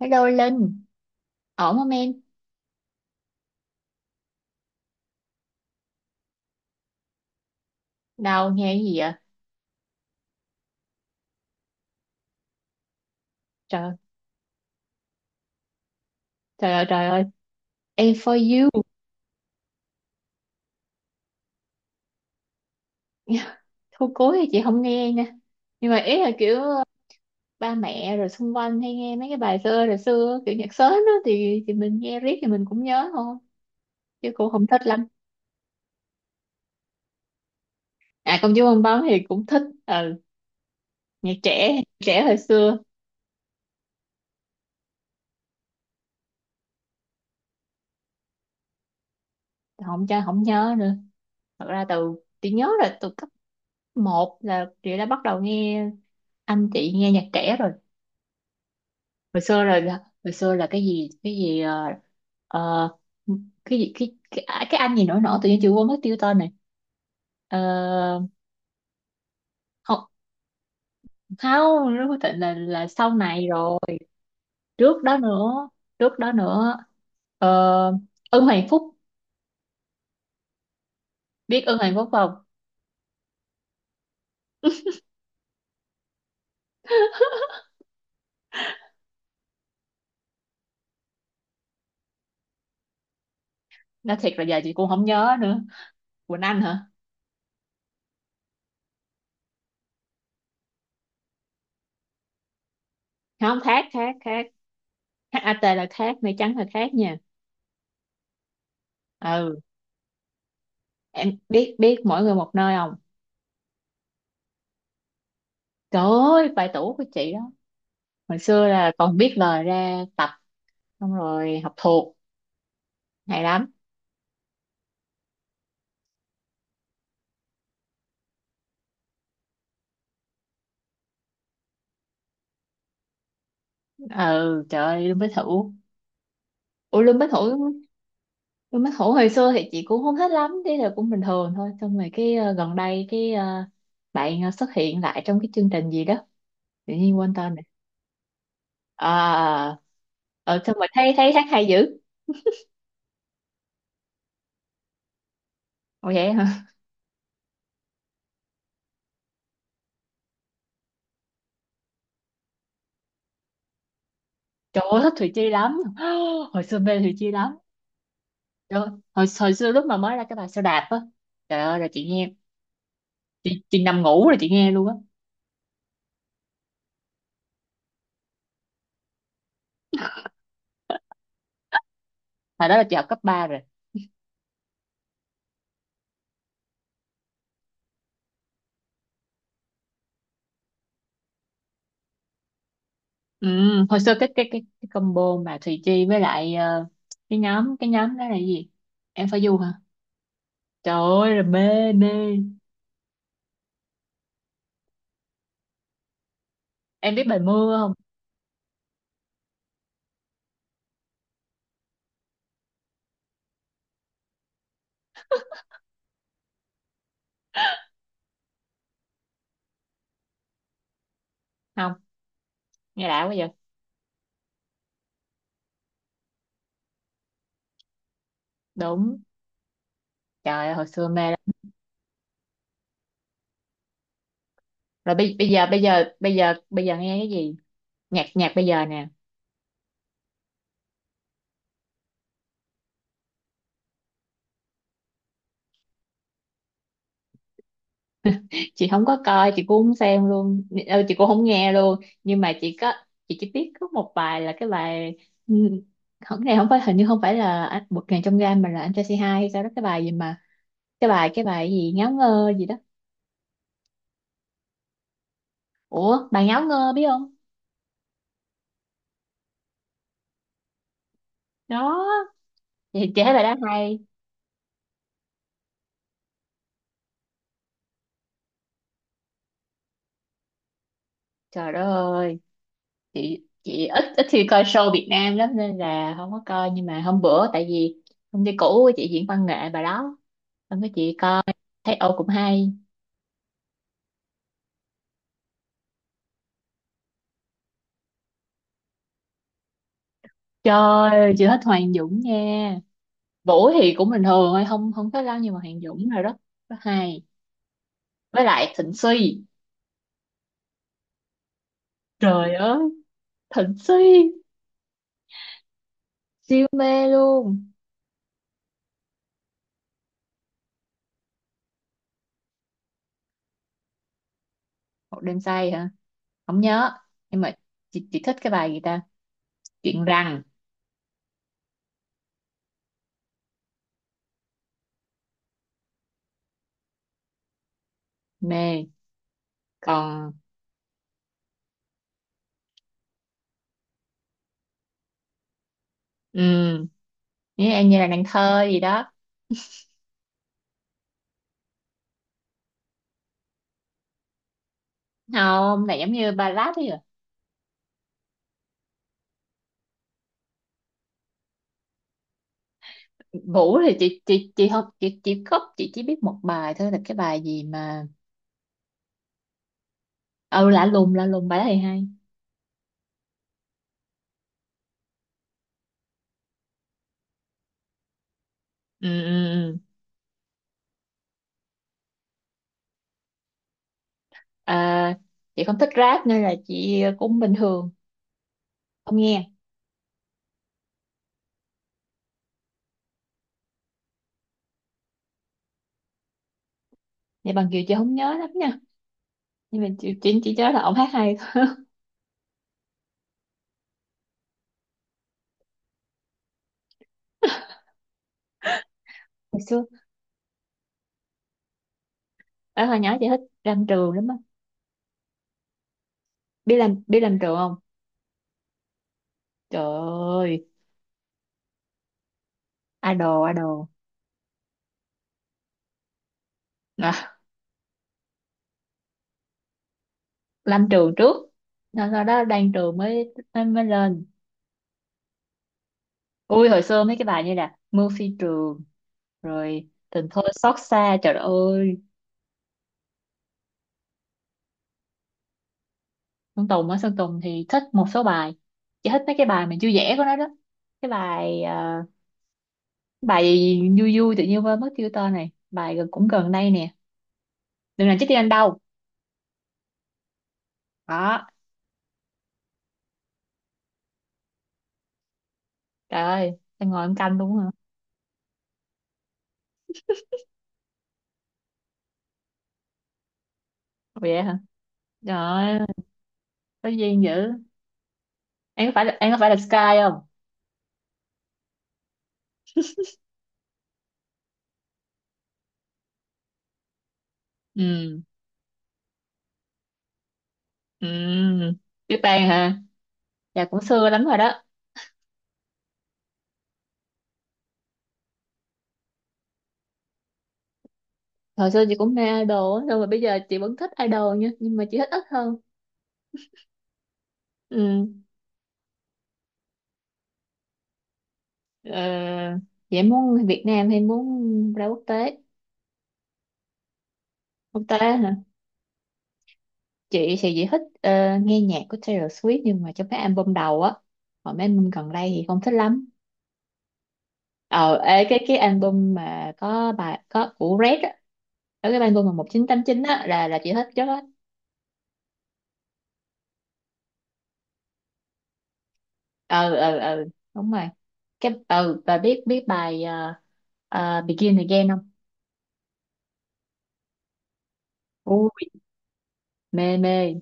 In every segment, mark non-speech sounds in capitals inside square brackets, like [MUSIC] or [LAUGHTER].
Hello Linh, ổn không em? Đâu nghe cái gì vậy? Trời, trời ơi, em for you. [LAUGHS] Thôi cối thì chị không nghe nha. Nhưng mà ý là kiểu ba mẹ rồi xung quanh hay nghe mấy cái bài xưa rồi xưa kiểu nhạc sến đó thì mình nghe riết thì mình cũng nhớ thôi chứ cũng không thích lắm. À công chúa bong bóng thì cũng thích, ừ, nhạc trẻ hồi xưa không cho không nhớ nữa. Thật ra từ chị nhớ là từ cấp một là chị đã bắt đầu nghe anh chị nghe nhạc trẻ rồi, hồi xưa hồi xưa là cái gì ờ, cái anh gì nổi nổi tự nhiên chị quên mất tiêu tên này. Ờ, không không nó quyết định là sau này rồi, trước đó nữa, trước đó nữa. Ờ, Ưng Hoàng Phúc. Biết Ưng Hoàng Phúc không? Nói thiệt là giờ chị cũng không nhớ nữa. Quỳnh Anh hả? Không, Thác, Thác, Thác. HAT là Thác, mây trắng là Thác nha. Ừ, em biết biết mỗi người một nơi không? Trời ơi vài tủ của chị đó. Hồi xưa là còn biết lời ra tập xong rồi học thuộc, hay lắm. Ừ trời ơi Lương Bích Thủ, ủa Lương Bích Thủ. Lương Bích Thủ hồi xưa thì chị cũng không thích lắm, thế là cũng bình thường thôi, xong rồi gần đây bạn xuất hiện lại trong cái chương trình gì đó tự nhiên quên tên này. À, ở xong rồi thấy thấy hát hay dữ. Ồ vậy hả? [LAUGHS] Trời ơi thích Thùy Chi lắm. [GASPS] Hồi xưa mê Thùy Chi lắm. Trời ơi, hồi xưa lúc mà mới ra cái bài Sao Đạp á, trời ơi là chị nghe, chị nằm ngủ rồi chị nghe luôn á. Hồi đó là chị học cấp ba rồi. Ừ, hồi xưa cái combo mà Thùy Chi với lại cái nhóm đó là cái gì, em phải du hả? Trời ơi là mê mê. Em biết bài mưa không? Không, nghe đã quá vậy. Đúng, trời ơi, hồi xưa mê lắm. Rồi bây giờ bây giờ nghe cái gì, nhạc nhạc bây giờ nè? Chị không có coi, chị cũng không xem luôn, ừ, chị cũng không nghe luôn, nhưng mà chị có, chị chỉ biết có một bài là cái bài, ừ, không cái này không phải, hình như không phải là anh một ngàn trong gang mà là anh trai c hai hay sao đó, cái bài gì mà, cái bài gì ngáo ngơ gì đó, ủa bà ngáo ngơ biết không? Đó thì chị thấy bài đó hay. Trời đất ơi, chị ít ít khi coi show Việt Nam lắm nên là không có coi, nhưng mà hôm bữa tại vì công ty cũ của chị diễn văn nghệ bài đó xong cái chị coi thấy ô cũng hay. Trời ơi, chị thích Hoàng Dũng nha. Vũ thì cũng bình thường thôi, không không có lâu, nhưng mà Hoàng Dũng rồi đó, rất hay. Với lại Thịnh Suy, trời ơi Thịnh Suy siêu mê luôn. Một đêm say hả? Không nhớ. Nhưng mà chị thích cái bài gì ta, chuyện rằng. Mê. Còn um, như em như là nàng thơ gì đó. Không, này giống như ballad ấy à. Vũ thì chị không, chị khóc, chị chỉ biết một bài thôi là cái bài gì mà, ừ lạ lùng, lạ lùng bài đó thì hay. Ừ, ừ, ừ. À, chị không thích rap nên là chị cũng bình thường, không nghe. Vậy bằng kiều chị không nhớ lắm nha, nhưng mà chị chỉ nhớ là ông hát hay thôi. Hồi xưa ở hồi nhỏ chị thích Lam Trường lắm á. Biết làm biết Lam Trường không? Trời ơi, idol idol. À, Lam Trường trước, sau sau đó Đan Trường mới mới, mới lên. Ui hồi xưa mấy cái bài như là Mưa phi trường rồi Tình thôi xót xa, trời đất ơi. Sơn Tùng á, Sơn Tùng thì thích một số bài, chỉ thích mấy cái bài mình vui vẻ của nó đó, cái bài bài gì vui vui tự nhiên quên mất tiêu tên này, bài gần cũng gần đây nè, đừng làm chết đi anh đâu. Đó. Trời ơi em ngồi em canh đúng hả? Vậy hả, trời ơi, có duyên dữ. Em có phải là Sky không? Ừ. Ừ, biết Bang hả? Dạ cũng xưa lắm rồi đó. Hồi xưa chị cũng mê idol á, nhưng mà bây giờ chị vẫn thích idol nha, nhưng mà chị thích ít hơn. Ừ. Ờ, chị muốn Việt Nam hay muốn ra quốc tế? Quốc tế hả? Chị thì chị thích nghe nhạc của Taylor Swift, nhưng mà trong cái album đầu á, còn mấy album gần đây thì không thích lắm. Ờ, ê, cái album mà có bài có của Red á, ở cái album mà 1989 á là chị thích chứ. Ừ, ừ, ừ, đúng rồi. Cái ừ bà biết biết bài Begin Again không? Ui mê mê.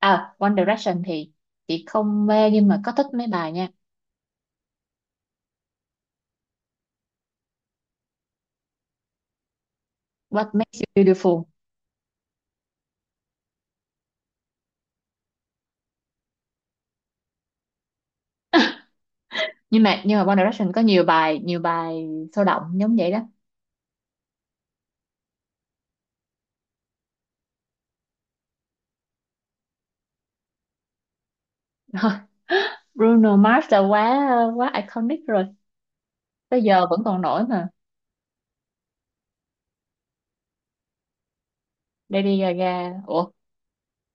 À One Direction thì chị không mê nhưng mà có thích mấy bài nha, What Makes You Beautiful. Nhưng mà One Direction có nhiều bài, nhiều bài sôi động giống vậy đó. [LAUGHS] Bruno Mars là quá, quá iconic rồi, tới giờ vẫn còn nổi mà. Lady Gaga, ủa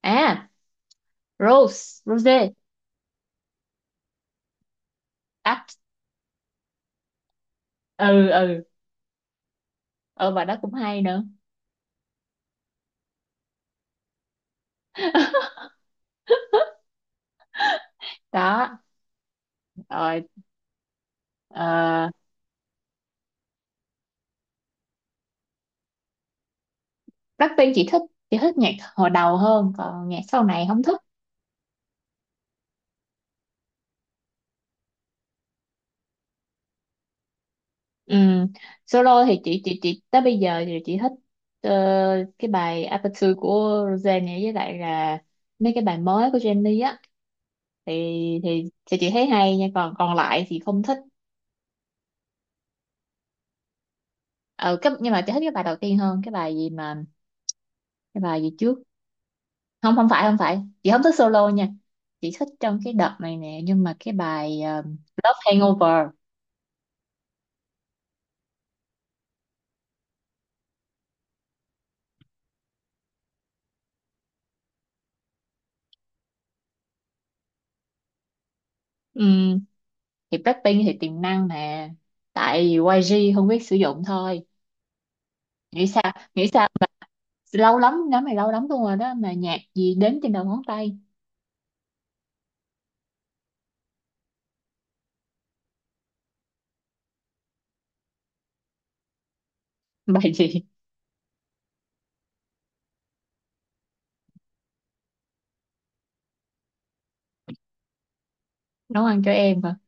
à Rose, Rose Act. Ừ ừ ờ bài đó cũng hay nữa. [LAUGHS] Đó rồi. Uh, Blackpink chị thích, chị thích nhạc hồi đầu hơn còn nhạc sau này không thích. Ừm, solo thì chị tới bây giờ thì chị thích ờ, cái bài Aperture của Rosé này với lại là mấy cái bài mới của Jennie á, thì thì chị thấy hay nha, còn còn lại thì không thích. Ừ, cái, nhưng mà chị thích cái bài đầu tiên hơn, cái bài gì mà, cái bài gì trước. Không, không phải chị không thích solo nha, chị thích trong cái đợt này nè nhưng mà cái bài Love Hangover. Ừ, thì Blackpink thì tiềm năng nè, tại vì YG không biết sử dụng thôi, nghĩ sao, nghĩ sao, lâu lắm nhóm này, lâu lắm luôn rồi đó mà nhạc gì đến trên đầu ngón tay. [LAUGHS] Bài gì? Nấu ăn cho em mà,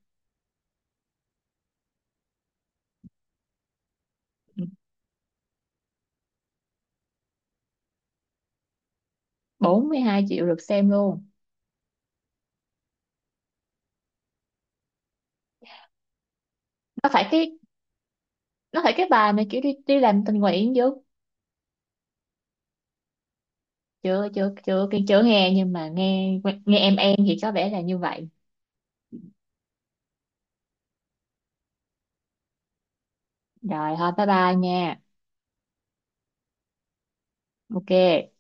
42 triệu lượt xem luôn? Nó phải cái, bài mà kiểu đi đi làm tình nguyện chứ? Chưa chưa chưa chưa, chưa nghe nhưng mà nghe, nghe em thì có vẻ là như vậy. Rồi thôi bye bye nha. Ok.